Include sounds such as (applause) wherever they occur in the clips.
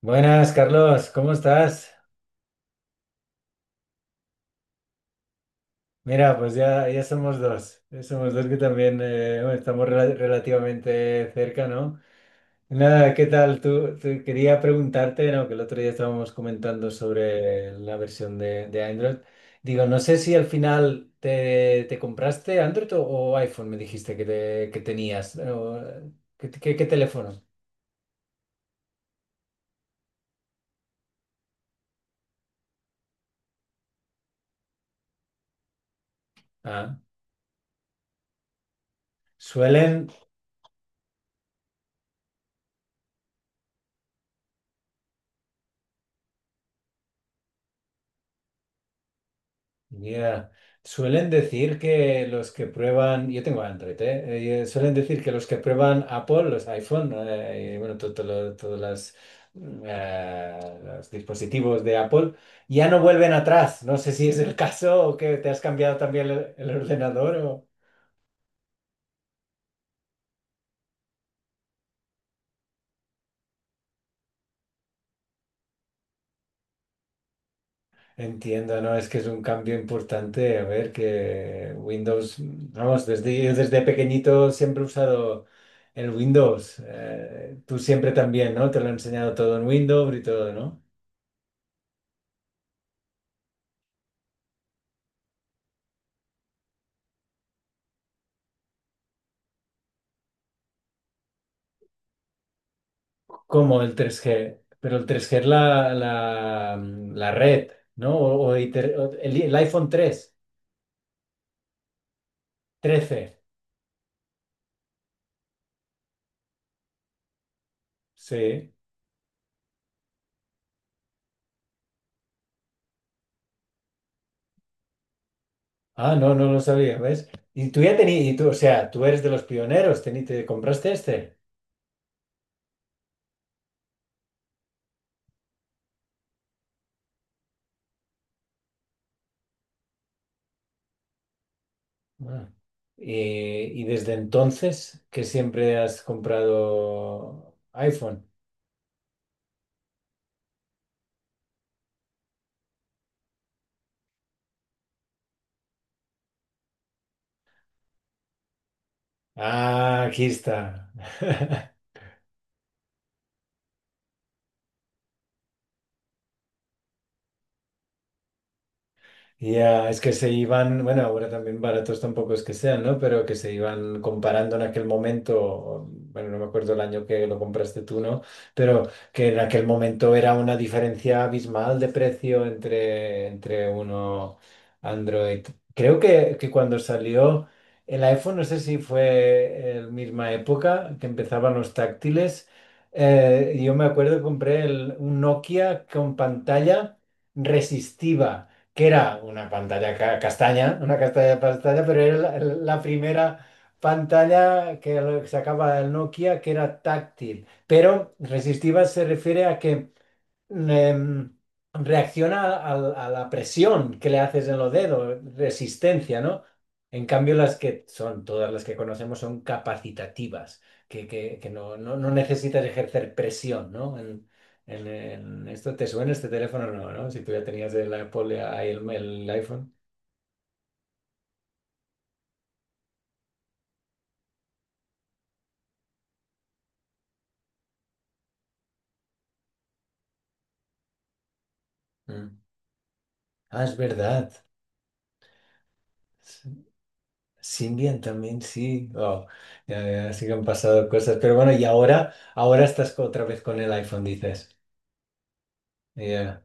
Buenas, Carlos, ¿cómo estás? Mira, pues ya, ya somos dos que también bueno, estamos relativamente cerca, ¿no? Nada, ¿qué tal? Quería preguntarte, ¿no? Que el otro día estábamos comentando sobre la versión de Android. Digo, no sé si al final te compraste Android o iPhone. Me dijiste que tenías. ¿Qué teléfono? Ah. Suelen, Ya, suelen decir que los que prueban, yo tengo Android, ¿eh? Suelen decir que los que prueban Apple, los iPhone, y bueno, todos las, los dispositivos de Apple, ya no vuelven atrás. No sé si es el caso o que te has cambiado también el ordenador o... Entiendo, ¿no? Es que es un cambio importante. A ver, que Windows, vamos, desde, yo desde pequeñito siempre he usado el Windows. Tú siempre también, ¿no? Te lo he enseñado todo en Windows y todo, ¿no? Como el 3G, pero el 3G es la red, ¿no? O el iPhone 3, 13, sí. Ah, no, no lo sabía, ¿ves? Y tú ya tenías. Y tú, o sea, tú eres de los pioneros, te compraste este. Ah. Y desde entonces que siempre has comprado iPhone. Ah, aquí está. (laughs) Ya, es que se iban, bueno, ahora también baratos tampoco es que sean, ¿no? Pero que se iban comparando en aquel momento. Bueno, no me acuerdo el año que lo compraste tú, ¿no? Pero que en aquel momento era una diferencia abismal de precio entre, uno Android. Creo que cuando salió el iPhone, no sé si fue en la misma época que empezaban los táctiles. Yo me acuerdo que compré un Nokia con pantalla resistiva, que era una pantalla castaña, una castaña pantalla, pero era la primera pantalla que que sacaba el Nokia que era táctil. Pero resistiva se refiere a que em, reacciona a la presión que le haces en los dedos, resistencia, ¿no? En cambio, las que son, todas las que conocemos son capacitativas, que no necesitas ejercer presión, ¿no? Esto te suena este teléfono, no, ¿no? Si tú ya tenías el Apple, ahí el iPhone. Mm. Ah, es verdad. Symbian también, sí. Oh, ya, ya, sí que han pasado cosas. Pero bueno, y ahora estás otra vez con el iPhone, dices. Ya.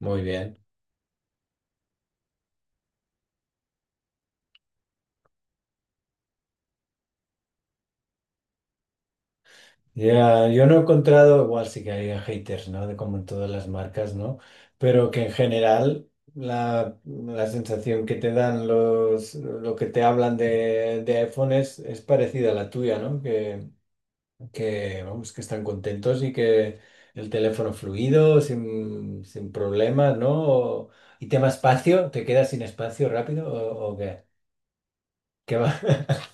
Muy bien. Ya, yo no he encontrado, igual sí que hay haters, ¿no? De como en todas las marcas, ¿no? Pero que en general la sensación que te dan los, lo que te hablan de iPhone es parecida a la tuya, ¿no? Que, vamos, que están contentos y que el teléfono fluido, sin problemas, ¿no? Y tema espacio. ¿Te quedas sin espacio rápido o qué? ¿Qué va? (laughs)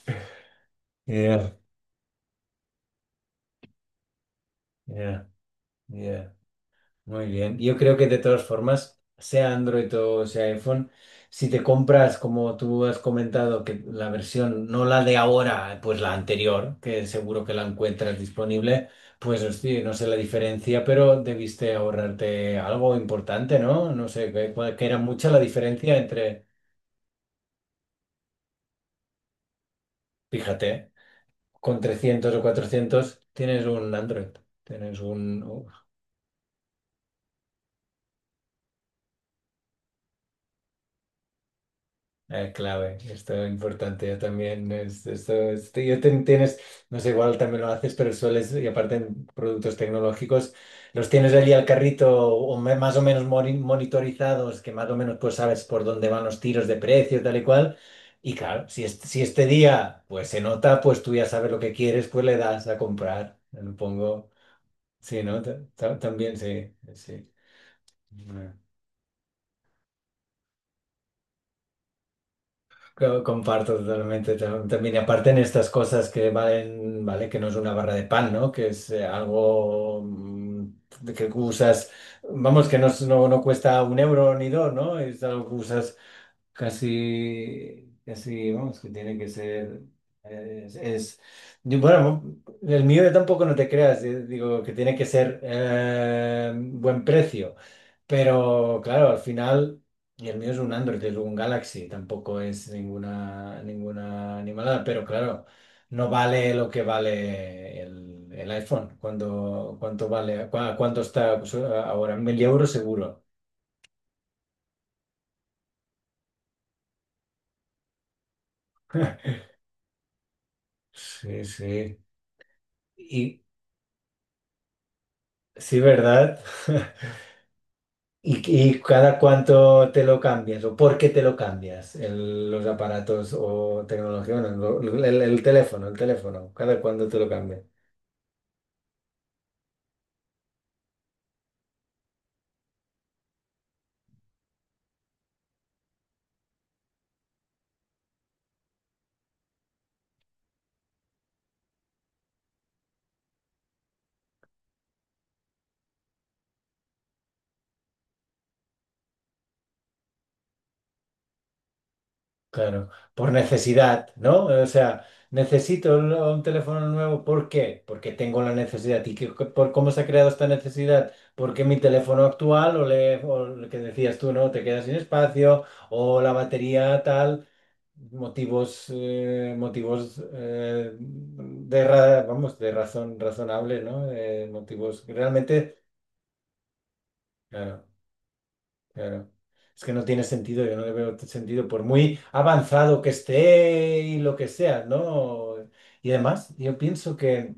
Yeah, yeah, yeah. Muy bien. Yo creo que de todas formas, sea Android o sea iPhone, si te compras, como tú has comentado, que la versión, no la de ahora, pues la anterior, que seguro que la encuentras disponible, pues hostia, no sé la diferencia, pero debiste ahorrarte algo importante, ¿no? No sé, que, que era mucha la diferencia entre, fíjate, con 300 o 400 tienes un Android, tienes un, Ah, clave, esto es importante, yo también, esto, tienes, no sé, igual también lo haces, pero sueles, y aparte en productos tecnológicos, los tienes allí al carrito, o más o menos monitorizados, que más o menos pues sabes por dónde van los tiros de precio, tal y cual. Y claro, si, si este día pues se nota, pues tú ya sabes lo que quieres, pues le das a comprar, le pongo, sí, ¿no? También, sí, sí. Comparto totalmente también. Y aparte en estas cosas que valen, vale, que no es una barra de pan, ¿no? Que es algo, de que usas, vamos, que no, no, no cuesta un euro ni dos, ¿no? Es algo que usas. Casi, casi, vamos, que tiene que ser, es, es- bueno, el mío tampoco no te creas, digo que tiene que ser buen precio, pero claro, al final, y el mío es un Android, es un Galaxy, tampoco es ninguna animalada, pero claro, no vale lo que vale el iPhone. Cuánto vale, cuánto está pues, ahora, 1000 euros seguro. Sí, sí. Sí, ¿verdad? (laughs) ¿Y, y cada cuánto te lo cambias, o por qué te lo cambias los aparatos o tecnología? Bueno, el teléfono, el teléfono, cada cuánto te lo cambias. Claro, por necesidad, ¿no? O sea, necesito un teléfono nuevo, ¿por qué? Porque tengo la necesidad. ¿Y por cómo se ha creado esta necesidad? Porque mi teléfono actual, o lo que decías tú, ¿no? Te queda sin espacio, o la batería tal. Motivos, motivos, vamos, de razón razonable, ¿no? Motivos que realmente, claro, claro. Es que no tiene sentido, yo no le veo sentido, por muy avanzado que esté y lo que sea, ¿no? Y además, yo pienso que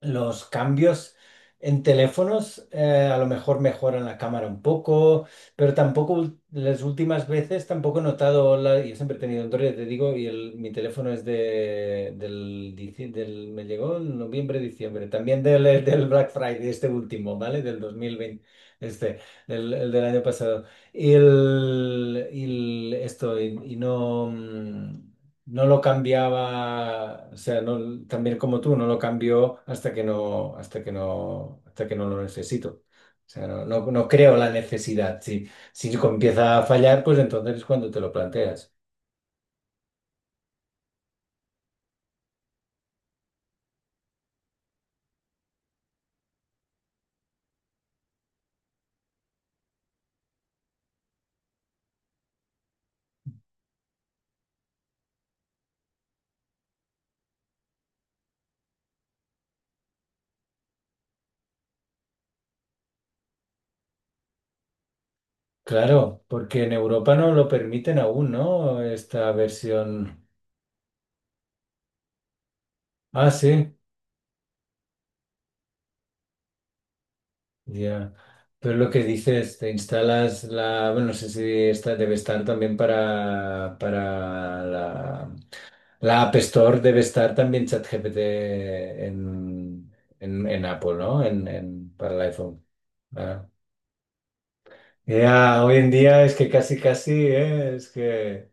los cambios en teléfonos, a lo mejor mejoran la cámara un poco, pero tampoco las últimas veces tampoco he notado la, yo siempre he tenido Android, ya te digo, mi teléfono es de del, del, me llegó en noviembre, diciembre, también del, del Black Friday, este último, ¿vale? Del 2020, este, el del año pasado. Y no. No lo cambiaba, o sea, no, también como tú, no lo cambio hasta que no, hasta que no lo necesito. O sea, no, no, no creo la necesidad. Si empieza a fallar, pues entonces es cuando te lo planteas. Claro, porque en Europa no lo permiten aún, ¿no? Esta versión. Ah, sí, ya. Pero lo que dices, te instalas la, bueno, no sé si esta debe estar también para, para la App Store. Debe estar también ChatGPT en, en Apple, ¿no? Para el iPhone. Ah. Ya, hoy en día es que casi, casi, es que...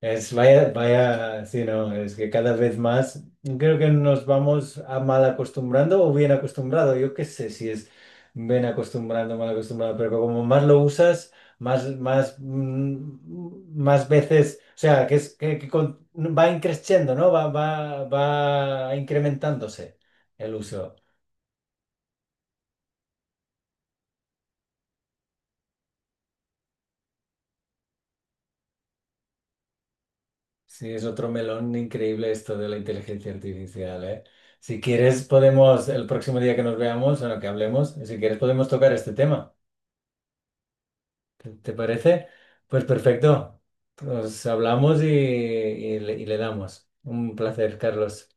Es, vaya, vaya, sí, no, es que cada vez más creo que nos vamos a mal acostumbrando o bien acostumbrado. Yo qué sé si es bien acostumbrando, mal acostumbrado, pero como más lo usas, más veces, o sea, que es que, va increciendo, ¿no? Va incrementándose el uso. Sí, es otro melón increíble esto de la inteligencia artificial, ¿eh? Si quieres, podemos, el próximo día que nos veamos, bueno, que hablemos, si quieres, podemos tocar este tema. ¿Te parece? Pues perfecto. Nos hablamos y le damos. Un placer, Carlos.